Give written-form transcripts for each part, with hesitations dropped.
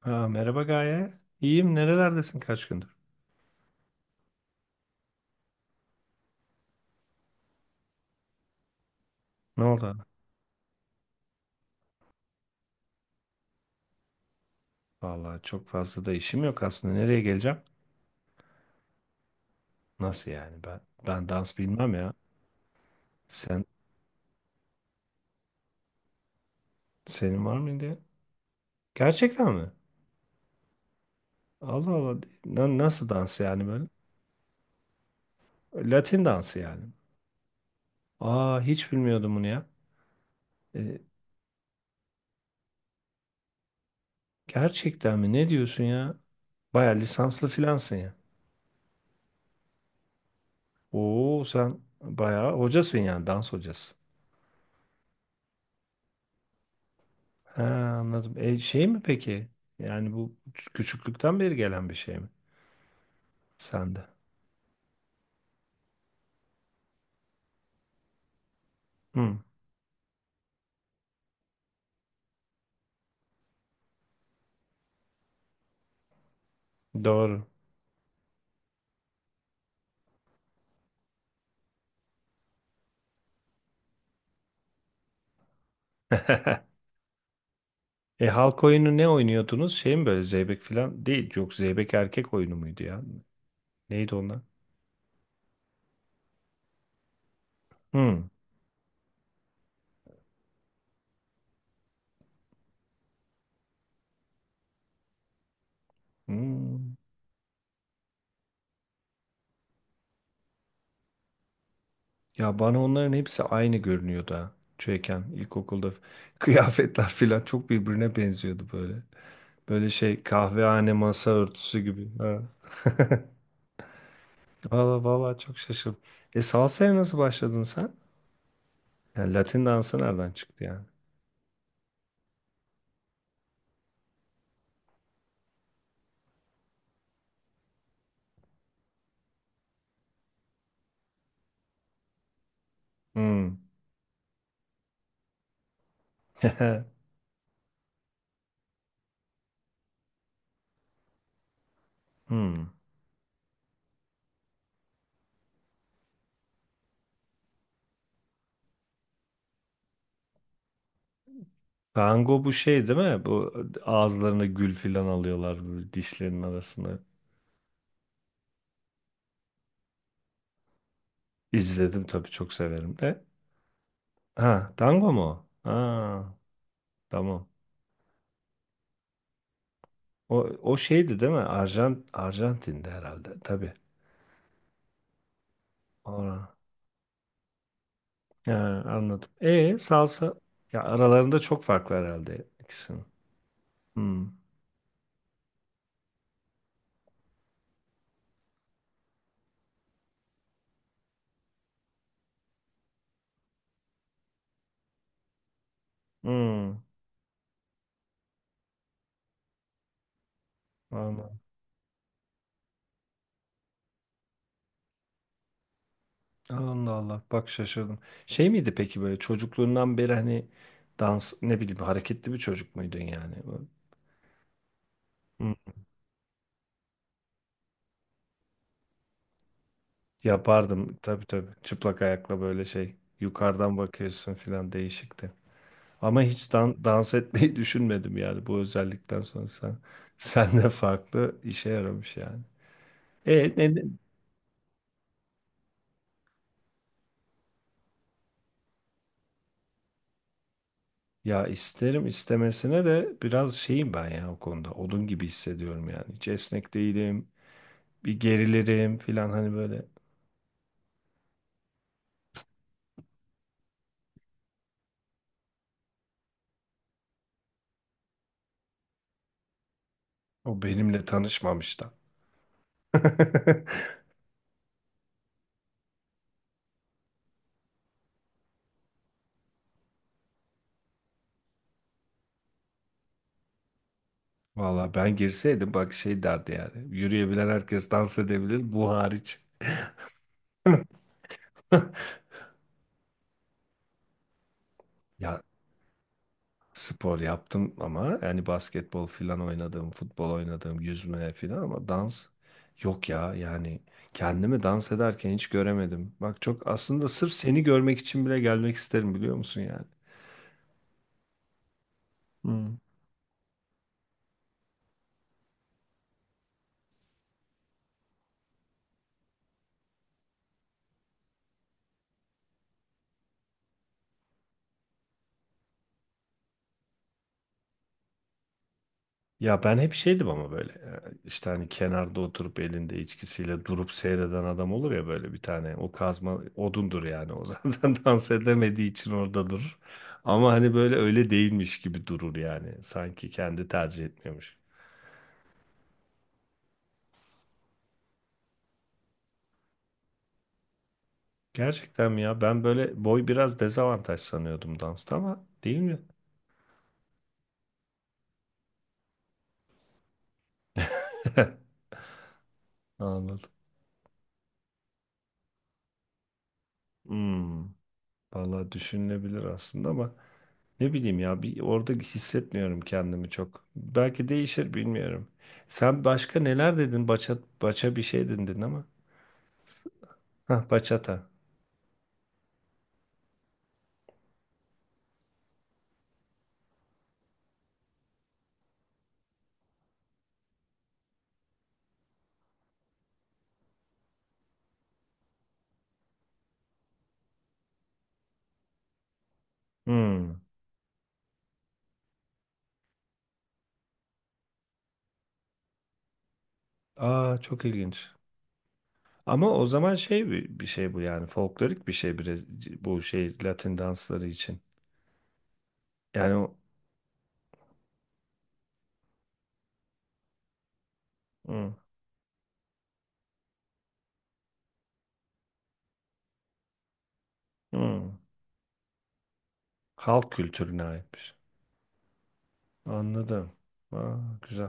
Ha, merhaba Gaye. İyiyim. Nerelerdesin kaç gündür? Ne oldu? Abi? Vallahi çok fazla da işim yok aslında. Nereye geleceğim? Nasıl yani? Ben dans bilmem ya. Sen senin var mıydı? Gerçekten mi? Allah Allah. Nasıl dans yani böyle? Latin dansı yani. Aa hiç bilmiyordum bunu ya. E, Gerçekten mi? Ne diyorsun ya? Baya lisanslı filansın ya. Oo sen baya hocasın yani dans hocası. Ha, anladım. Şey mi peki? Yani bu küçüklükten beri gelen bir şey mi sende? Hı, doğru. E halk oyunu ne oynuyordunuz? Şey mi böyle zeybek falan değil. Yok zeybek erkek oyunu muydu ya? Neydi onlar? Hı. Hı. Ya bana onların hepsi aynı görünüyordu ha. Çocukken ilkokulda kıyafetler falan çok birbirine benziyordu böyle. Böyle şey kahvehane masa örtüsü gibi. Ha. Valla valla çok şaşırdım. E salsaya nasıl başladın sen? Yani Latin dansı nereden çıktı yani? Hmm. Hmm. Tango bu şey değil mi? Bu ağızlarına gül filan alıyorlar böyle dişlerinin arasına. İzledim tabii çok severim de. Ha, tango mu? O? Ha, tamam. O şeydi değil mi? Arjantin'de herhalde tabii. Ora. Ha, anladım. E salsa ya aralarında çok fark var herhalde ikisinin. Hmm. Hmm. Allah Allah bak şaşırdım. Şey miydi peki böyle çocukluğundan beri hani dans ne bileyim hareketli bir çocuk muydun yani? Hı. Yapardım tabii tabii çıplak ayakla böyle şey yukarıdan bakıyorsun filan değişikti. Ama hiç dans etmeyi düşünmedim yani bu özellikten sonra sen, sen de farklı işe yaramış yani. E ne, ne- ya isterim istemesine de biraz şeyim ben ya o konuda odun gibi hissediyorum yani. Hiç esnek değilim bir gerilirim filan hani böyle. O benimle tanışmamış da. Valla ben girseydim bak şey derdi yani. Yürüyebilen herkes dans edebilir bu hariç. Ya spor yaptım ama yani basketbol filan oynadım, futbol oynadım, yüzme filan ama dans yok ya yani kendimi dans ederken hiç göremedim. Bak çok aslında sırf seni görmek için bile gelmek isterim biliyor musun yani? Hmm. Ya ben hep şeydim ama böyle işte hani kenarda oturup elinde içkisiyle durup seyreden adam olur ya böyle bir tane o kazma odundur yani o zaten dans edemediği için orada durur. Ama hani böyle öyle değilmiş gibi durur yani sanki kendi tercih etmiyormuş. Gerçekten mi ya ben böyle boy biraz dezavantaj sanıyordum dansta ama değil mi? Anladım. Hmm, vallahi düşünülebilir aslında ama. Ne bileyim ya bir orada hissetmiyorum kendimi çok. Belki değişir bilmiyorum. Sen başka neler dedin? Baça, baça bir şey dedin ama. Hah bachata. Hmm. Aa çok ilginç. Ama o zaman şey bir şey bu yani folklorik bir şey biraz bu şey Latin dansları için. Yani o hmm, hmm. Halk kültürüne aitmiş. Anladım. Aa, güzel.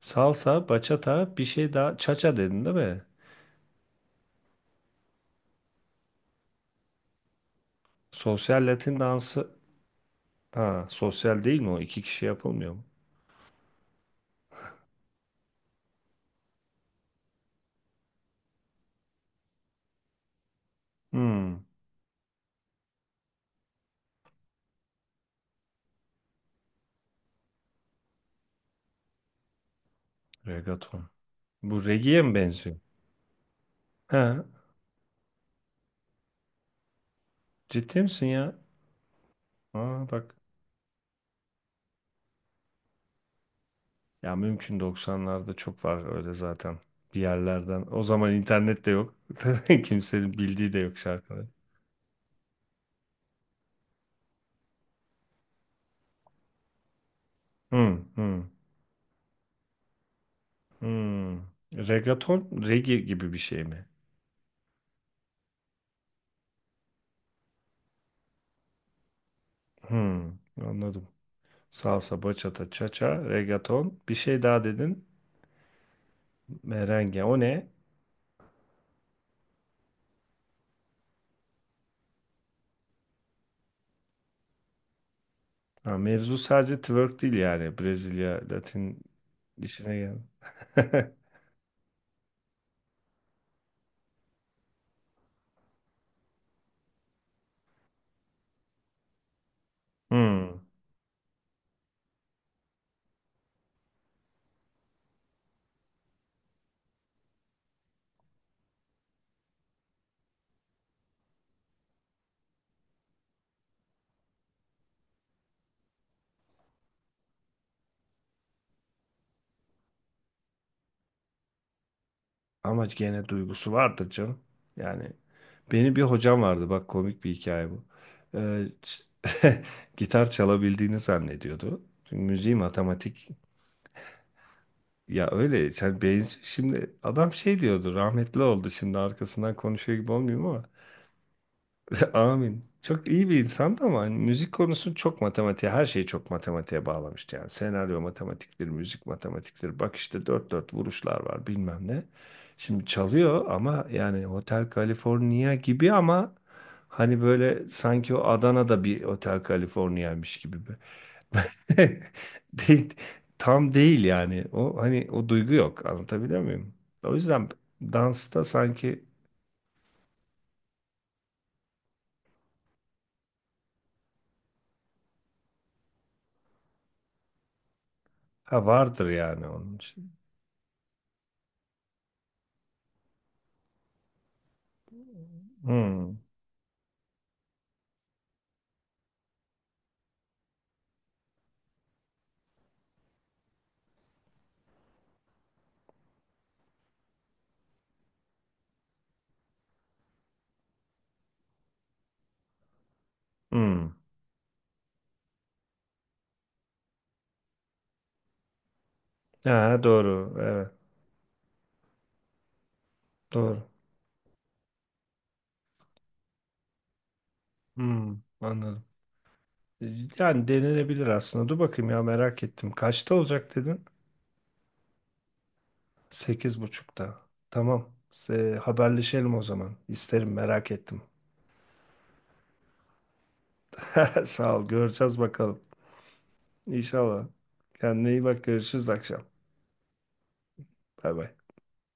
Salsa, bachata, bir şey daha. Cha-cha dedin değil mi? Sosyal Latin dansı. Ha, sosyal değil mi o? İki kişi yapılmıyor mu? Hmm, regaton. Bu regiye mi benziyor? Ha, ciddi misin ya? Aa, bak. Ya mümkün 90'larda çok var öyle zaten. Bir yerlerden. O zaman internet de yok. Kimsenin bildiği de yok şarkıları. Hmm, hmm, hmm. Regaton reggae gibi bir şey mi? Hmm, anladım. Salsa, bachata, cha-cha, regaton. Bir şey daha dedin. Merengue. O ne? Ha, mevzu sadece twerk değil yani. Brezilya, Latin işine gel. Hmm. Ama gene duygusu vardır canım. Yani benim bir hocam vardı. Bak komik bir hikaye bu. Ee, ç- Gitar çalabildiğini zannediyordu. Çünkü müziği matematik. Ya öyle sen benzi şimdi adam şey diyordu rahmetli oldu şimdi arkasından konuşuyor gibi olmuyor Amin. Çok iyi bir insandı ama hani müzik konusu çok matematiğe, her şeyi çok matematiğe bağlamıştı yani. Senaryo matematiktir, müzik matematiktir. Bak işte dört dört vuruşlar var bilmem ne. Şimdi çalıyor ama yani Hotel California gibi ama hani böyle sanki o Adana'da bir Hotel California'ymış gibi. Değil, tam değil yani. O hani o duygu yok. Anlatabiliyor muyum? O yüzden dansta sanki ha vardır yani onun için. Hmm. Hmm. Ha, doğru. Evet. Doğru. Hmm, anladım. Yani denenebilir aslında. Dur bakayım ya merak ettim. Kaçta olacak dedin? 8.30'da. Tamam. Haberleşelim o zaman. İsterim merak ettim. Sağ ol. Göreceğiz bakalım. İnşallah. Kendine iyi bak. Görüşürüz akşam. Bay bay.